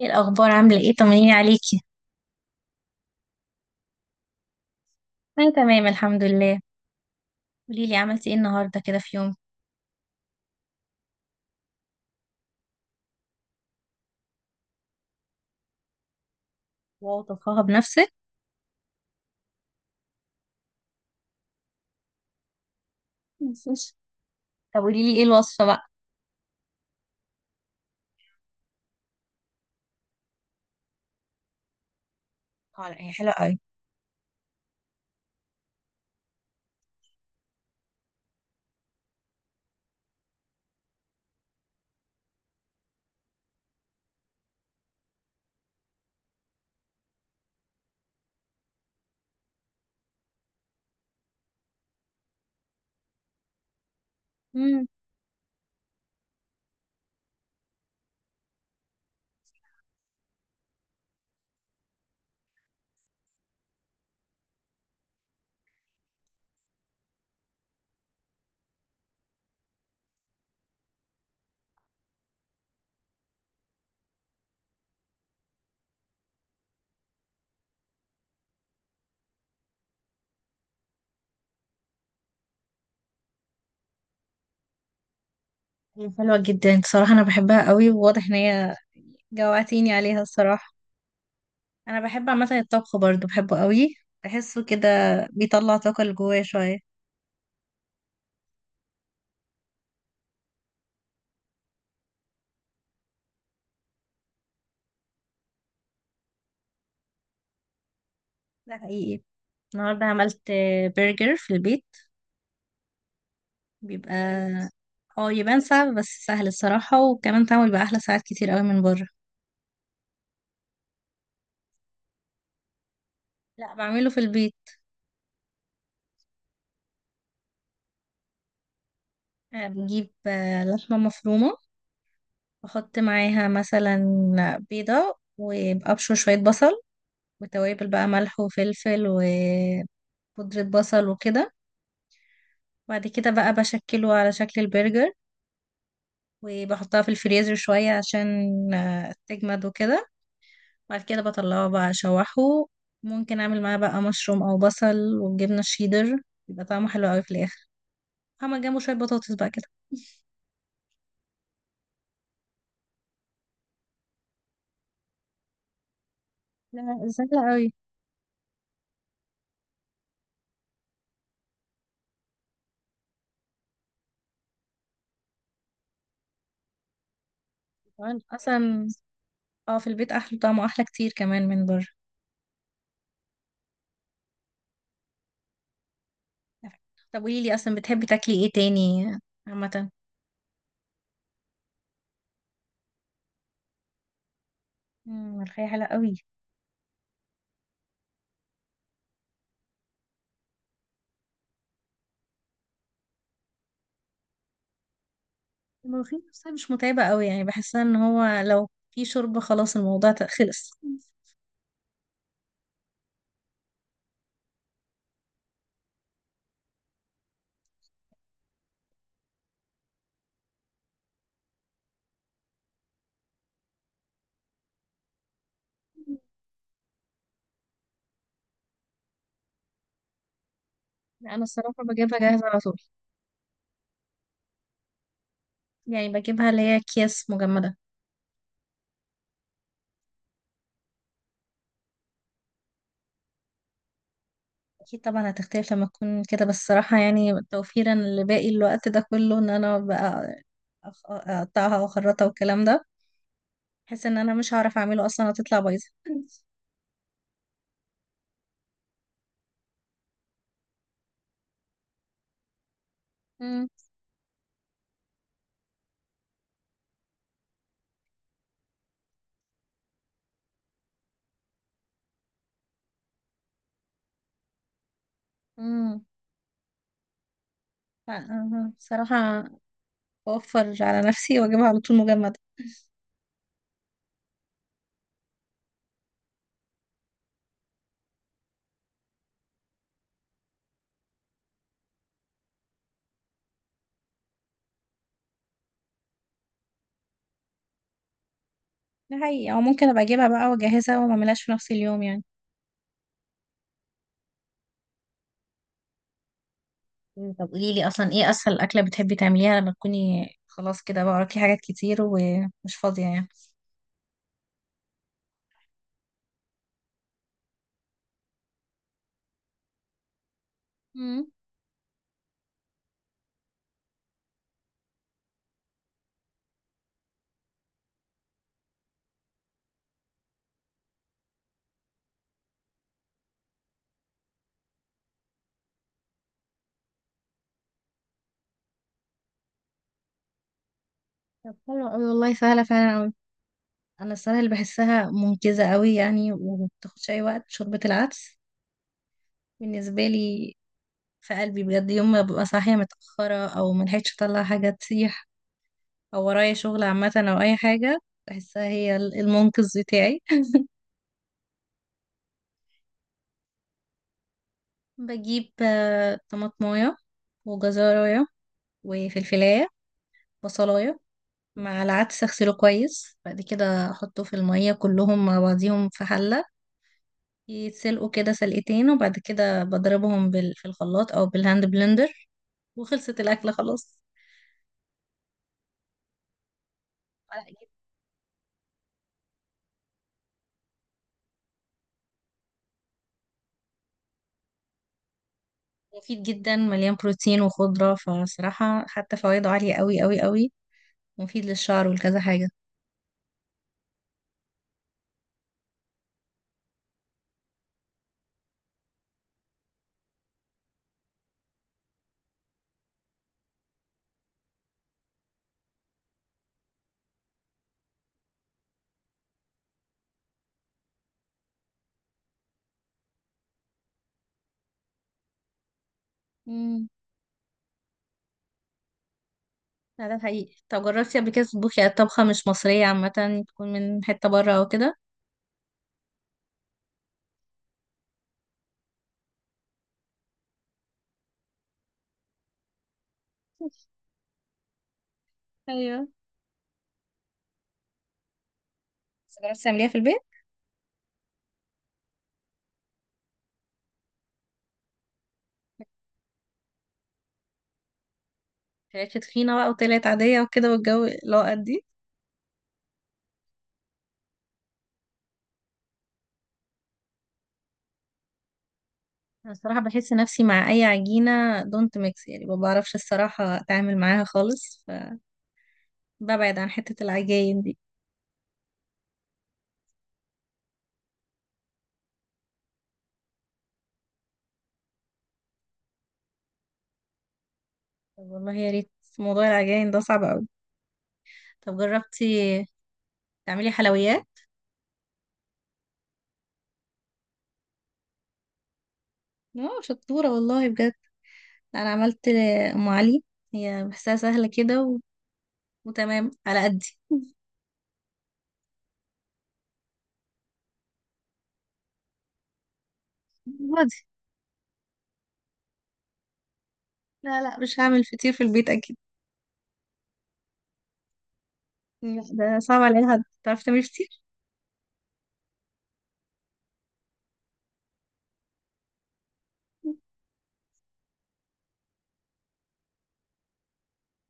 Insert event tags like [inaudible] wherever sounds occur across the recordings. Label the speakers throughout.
Speaker 1: ايه الاخبار، عامله ايه، طمنيني عليكي؟ انا تمام الحمد لله. قولي لي عملتي ايه النهارده كده في يوم؟ واو، طبخها بنفسك؟ مفيش. طب قولي لي ايه الوصفه بقى؟ اه لا، هي حلوه قوي. امم. هي حلوه جدا بصراحه، انا بحبها قوي، وواضح ان هي جوعتيني عليها الصراحه. انا بحب عامه الطبخ برضو، بحبه قوي. بحسه كده بيطلع طاقه اللي جوايا شويه. ده حقيقي. النهارده عملت برجر في البيت. بيبقى اه، يبان صعب بس سهل الصراحه، وكمان تعمل بقى احلى ساعات كتير قوي من بره. لا، بعمله في البيت. بجيب لحمة مفرومة. بحط معاها مثلا بيضة وأبشر شوية بصل، وتوابل بقى ملح وفلفل وبودرة بصل وكده. بعد كده بقى بشكله على شكل البرجر، وبحطها في الفريزر شوية عشان تجمد وكده. بعد كده بطلعه بقى أشوحه، ممكن أعمل معاه بقى مشروم أو بصل والجبنة الشيدر. بيبقى طعمه حلو أوي في الآخر. هعمل جنبه شوية بطاطس بقى كده. لا، سهلة أوي. كمان أصلا اه، في البيت احلى طعمه، احلى كتير كمان من بره. طب قولي لي اصلا بتحبي تاكلي ايه تاني عامه؟ مم، الملوخيه حلوه قوي. الملوخيه نفسها مش متعبه قوي يعني، بحسها ان هو لو في شوربه خلاص الموضوع خلص. لا، انا الصراحه بجيبها جاهزه على طول. يعني بجيبها اللي هي اكياس مجمده. اكيد طبعا هتختلف لما تكون كده، بس الصراحه يعني توفيرا لباقي الوقت ده كله ان انا بقى اقطعها واخرطها والكلام ده. بحس ان انا مش هعرف اعمله اصلا، هتطلع بايظه. [laughs] مم. مم. أه، بصراحة بوفر على نفسي واجيبها على طول مجمدة. ده حقيقي، او ممكن ابقى اجيبها بقى واجهزها وما اعملهاش في نفس اليوم يعني. مم، طب قولي لي اصلا ايه اسهل اكله بتحبي تعمليها لما تكوني خلاص كده بقى وراكي حاجات كتير ومش فاضيه يعني؟ مم. طب حلو قوي والله، سهلة فعلا قوي. انا الصراحة اللي بحسها منقذة قوي يعني ومبتاخدش اي وقت، شوربة العدس بالنسبة لي. في قلبي بجد، يوم ما ببقى صاحية متأخرة او ملحقتش اطلع حاجة تسيح، او ورايا شغل عامة او اي حاجة، بحسها هي المنقذ بتاعي. [laughs] بجيب طماطمايه، وجزرايه، وفلفلاية، بصلاية، مع العدس. اغسله كويس، بعد كده احطه في المية كلهم مع بعضيهم في حلة، يتسلقوا كده سلقتين، وبعد كده بضربهم في الخلاط او بالهاند بلندر. وخلصت الاكلة خلاص. مفيد جدا، مليان بروتين وخضرة، فصراحة حتى فوائده عالية قوي قوي قوي. ومفيد للشعر ولكذا حاجة. لا ده حقيقي. طب جربتي قبل كده تطبخي يعني طبخة مش مصرية عامة، تكون من حتة بره أو كده؟ ايوه. بس جربتي تعمليها في البيت؟ طلعت تخينة بقى وطلعت عادية وكده، والجو اللي هو قد إيه؟ أنا الصراحة بحس نفسي مع أي عجينة دونت ميكس يعني، ما بعرفش الصراحة أتعامل معاها خالص، فببعد عن حتة العجاين دي. طب والله يا ريت، موضوع العجاين ده صعب أوي. طب جربتي تعملي حلويات؟ اه، شطورة والله بجد. أنا عملت أم علي. هي بحسها سهلة كده و... وتمام على قدي. لا لا، مش هعمل فطير في البيت اكيد. لا، ده صعب على اي حد تعرف تعملي فطير.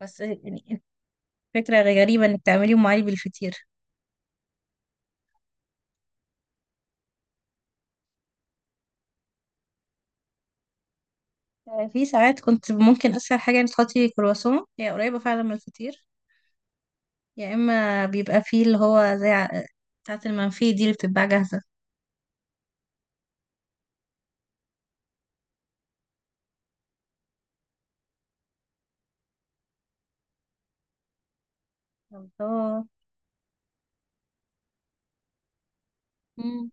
Speaker 1: بس يعني، فكرة غريبة انك تعملي ام علي بالفطير. في ساعات كنت ممكن اسهل حاجة انك تحطي كرواسون، هي قريبة فعلا من الفطير. يا اما بيبقى فيه اللي هو زي بتاعة المنفي دي اللي بتتباع جاهزة. الله. مم.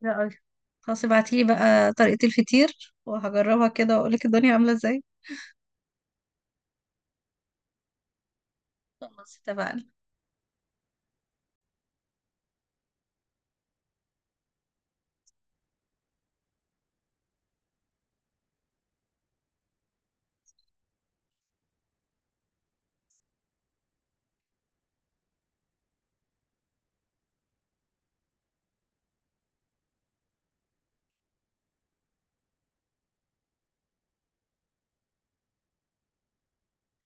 Speaker 1: لا، خلاص ابعتيلي بقى طريقة الفطير وهجربها كده واقولك الدنيا عاملة ازاي. خلاص اتفقنا.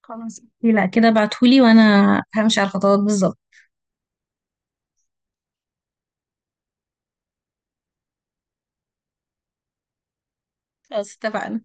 Speaker 1: خلاص، لا كده ابعتهولي وانا همشي على الخطوات بالظبط. خلاص اتفقنا.